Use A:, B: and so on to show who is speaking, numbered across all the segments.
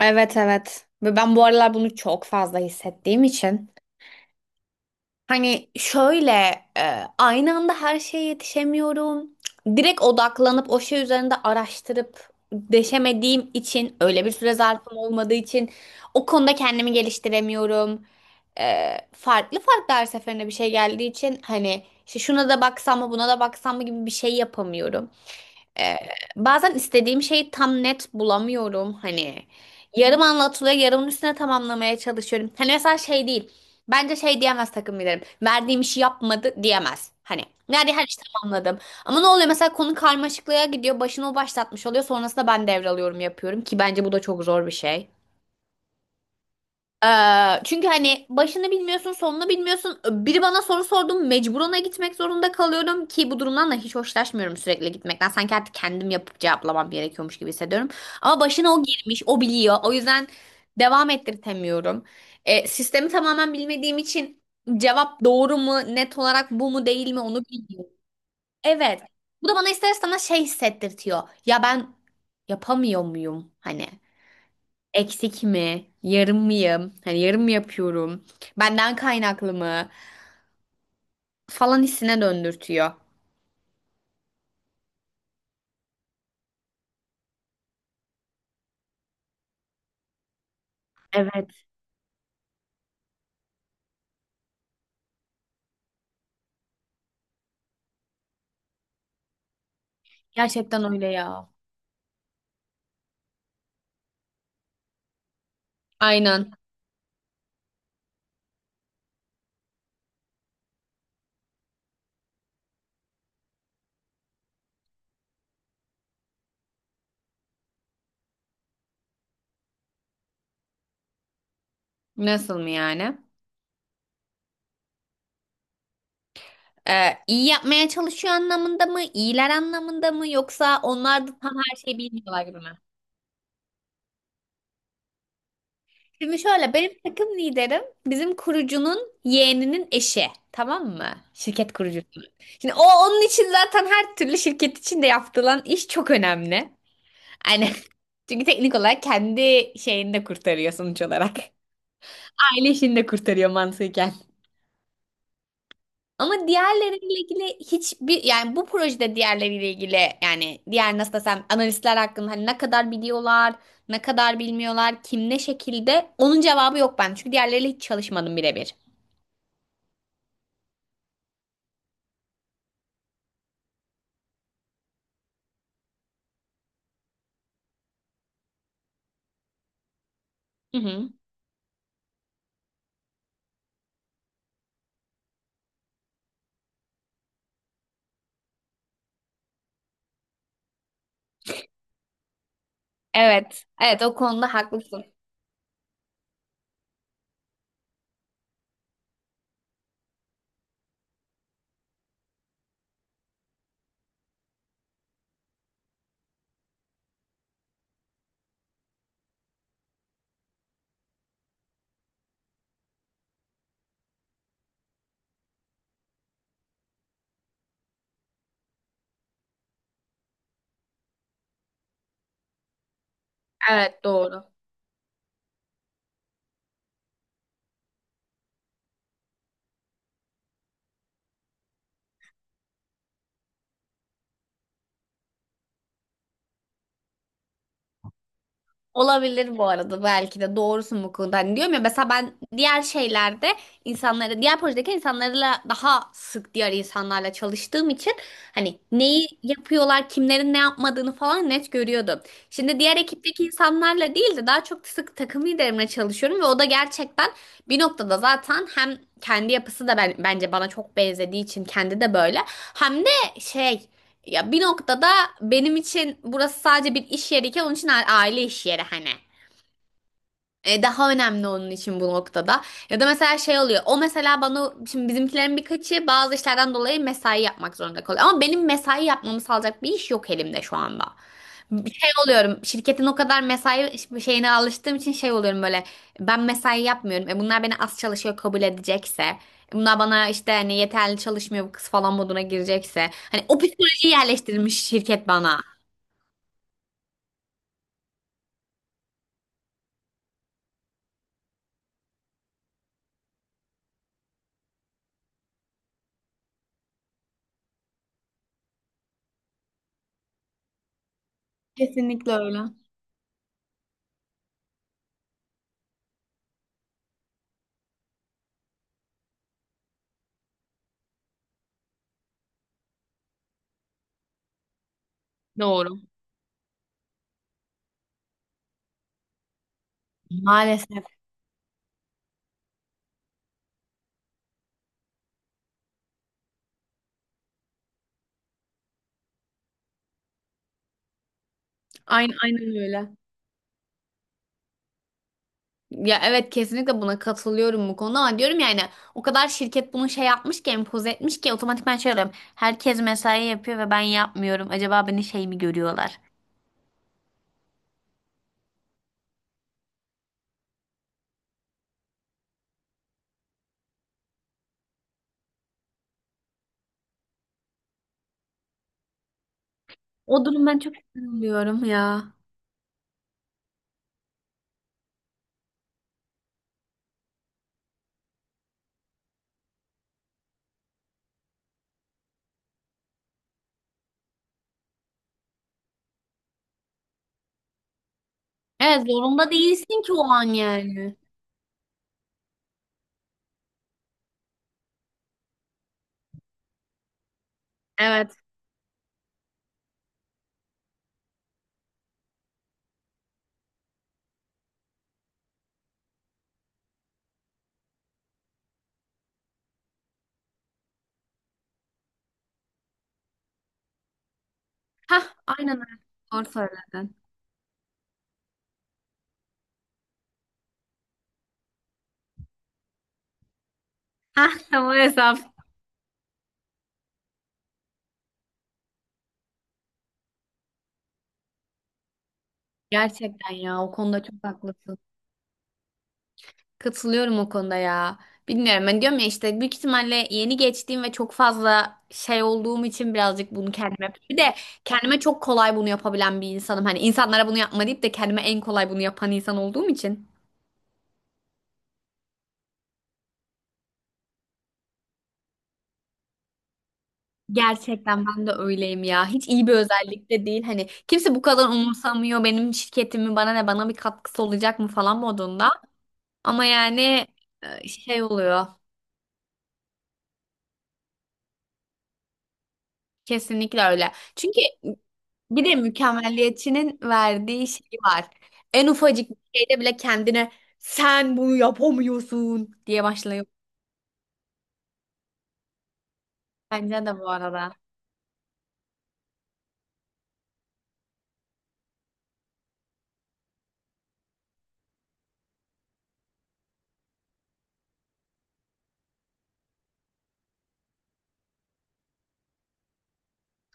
A: Evet evet. Ve ben bu aralar bunu çok fazla hissettiğim için. Hani şöyle aynı anda her şeye yetişemiyorum. Direkt odaklanıp o şey üzerinde araştırıp deşemediğim için öyle bir süre zarfım olmadığı için o konuda kendimi geliştiremiyorum. Farklı farklı her seferinde bir şey geldiği için hani işte şuna da baksam mı buna da baksam mı gibi bir şey yapamıyorum. Ee, Bazen istediğim şeyi tam net bulamıyorum. Hani yarım anlatılıyor, yarımın üstüne tamamlamaya çalışıyorum. Hani mesela şey değil. Bence şey diyemez takım liderim. Verdiğim işi yapmadı diyemez. Hani nerede her işi tamamladım. Ama ne oluyor mesela konu karmaşıklığa gidiyor. Başını o başlatmış oluyor. Sonrasında ben devralıyorum yapıyorum ki bence bu da çok zor bir şey. Çünkü hani başını bilmiyorsun, sonunu bilmiyorsun. Biri bana soru sordu, mecburuna gitmek zorunda kalıyorum ki bu durumdan da hiç hoşlaşmıyorum sürekli gitmekten. Sanki artık kendim yapıp cevaplamam gerekiyormuş gibi hissediyorum. Ama başına o girmiş, o biliyor. O yüzden devam ettirtemiyorum. Sistemi tamamen bilmediğim için cevap doğru mu, net olarak bu mu değil mi onu bilmiyorum. Evet. Bu da bana ister istemez şey hissettirtiyor. Ya ben yapamıyor muyum hani? Eksik mi? Yarım mıyım? Hani yarım mı yapıyorum? Benden kaynaklı mı? Falan hissine döndürtüyor. Evet. Gerçekten öyle ya. Aynen. Nasıl mı yani? İyi yapmaya çalışıyor anlamında mı? İyiler anlamında mı? Yoksa onlar da tam her şeyi bilmiyorlar gibi mi? Şimdi şöyle benim takım liderim bizim kurucunun yeğeninin eşi. Tamam mı? Şirket kurucusu. Şimdi o onun için zaten her türlü şirket içinde yapılan iş çok önemli. Aynen. Çünkü teknik olarak kendi şeyini de kurtarıyor sonuç olarak. Aile işini de kurtarıyor mantıken. Ama diğerleriyle ilgili hiçbir yani bu projede diğerleriyle ilgili yani diğer nasıl desem analistler hakkında hani ne kadar biliyorlar, ne kadar bilmiyorlar, kim ne şekilde onun cevabı yok ben. Çünkü diğerleriyle hiç çalışmadım birebir. Hı hı. Evet. Evet o konuda haklısın. Evet doğru. Olabilir bu arada belki de doğrusun bu konuda. Hani diyorum ya mesela ben diğer şeylerde insanları, diğer projedeki insanlarla daha sık diğer insanlarla çalıştığım için hani neyi yapıyorlar, kimlerin ne yapmadığını falan net görüyordum. Şimdi diğer ekipteki insanlarla değil de daha çok sık takım liderimle çalışıyorum ve o da gerçekten bir noktada zaten hem kendi yapısı da ben, bence bana çok benzediği için kendi de böyle hem de şey. Ya bir noktada benim için burası sadece bir iş yeriyken onun için aile iş yeri hani. Daha önemli onun için bu noktada. Ya da mesela şey oluyor. O mesela bana şimdi bizimkilerin birkaçı bazı işlerden dolayı mesai yapmak zorunda kalıyor. Ama benim mesai yapmamı sağlayacak bir iş yok elimde şu anda. Bir şey oluyorum. Şirketin o kadar mesai şeyine alıştığım için şey oluyorum böyle. Ben mesai yapmıyorum. E bunlar beni az çalışıyor kabul edecekse. Bunlar bana işte hani yeterli çalışmıyor bu kız falan moduna girecekse. Hani o psikolojiyi yerleştirmiş şirket bana. Kesinlikle öyle. Doğru. Maalesef. Aynen, aynen öyle. Ya evet kesinlikle buna katılıyorum bu konuda ama diyorum yani o kadar şirket bunu şey yapmış ki empoze etmiş ki otomatikman şey oluyorum. Herkes mesai yapıyor ve ben yapmıyorum. Acaba beni şey mi görüyorlar? O durumdan çok üzülüyorum ya. Evet zorunda değilsin ki o an yani. Evet. Hah aynen öyle. Doğru söyledin. Hah bu hesap. Gerçekten ya o konuda çok haklısın. Katılıyorum o konuda ya. Bilmiyorum ben diyorum ya işte büyük ihtimalle yeni geçtiğim ve çok fazla şey olduğum için birazcık bunu kendime bir de kendime çok kolay bunu yapabilen bir insanım. Hani insanlara bunu yapma deyip de kendime en kolay bunu yapan insan olduğum için. Gerçekten ben de öyleyim ya. Hiç iyi bir özellik de değil. Hani kimse bu kadar umursamıyor benim şirketimi bana ne bana bir katkısı olacak mı falan modunda. Ama yani şey oluyor. Kesinlikle öyle. Çünkü bir de mükemmelliyetçinin verdiği şey var. En ufacık bir şeyde bile kendine sen bunu yapamıyorsun diye başlıyor. Bence de bu arada.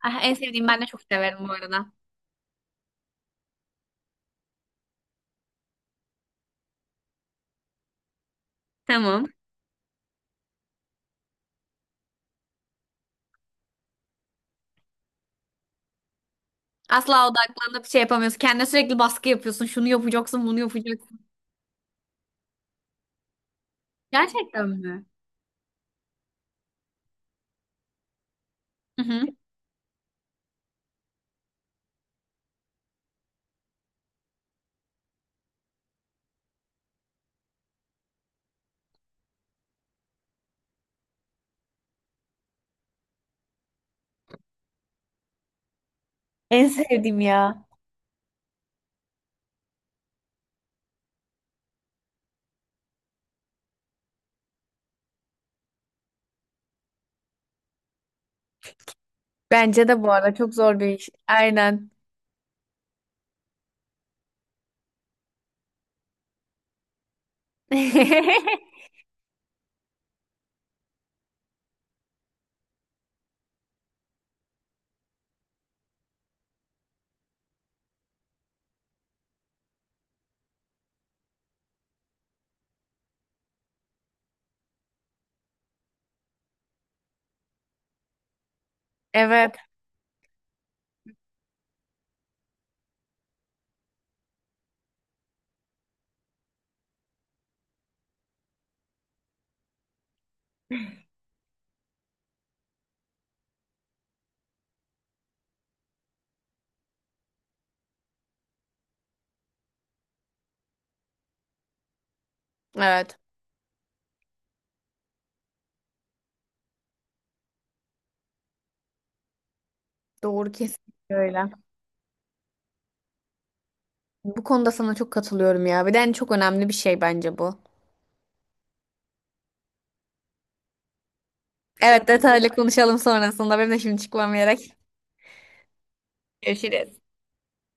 A: Ah, en sevdiğim ben de çok severim bu arada. Tamam. Asla odaklanıp şey yapamıyorsun. Kendine sürekli baskı yapıyorsun. Şunu yapacaksın, bunu yapacaksın. Gerçekten mi? Hı hı. En sevdiğim ya. Bence de bu arada çok zor bir iş. Aynen. Evet. Evet. Doğru kesinlikle öyle. Bu konuda sana çok katılıyorum ya. Bir de en çok önemli bir şey bence bu. Evet detaylı konuşalım sonrasında. Benim de şimdi çıkmam gerek. Görüşürüz.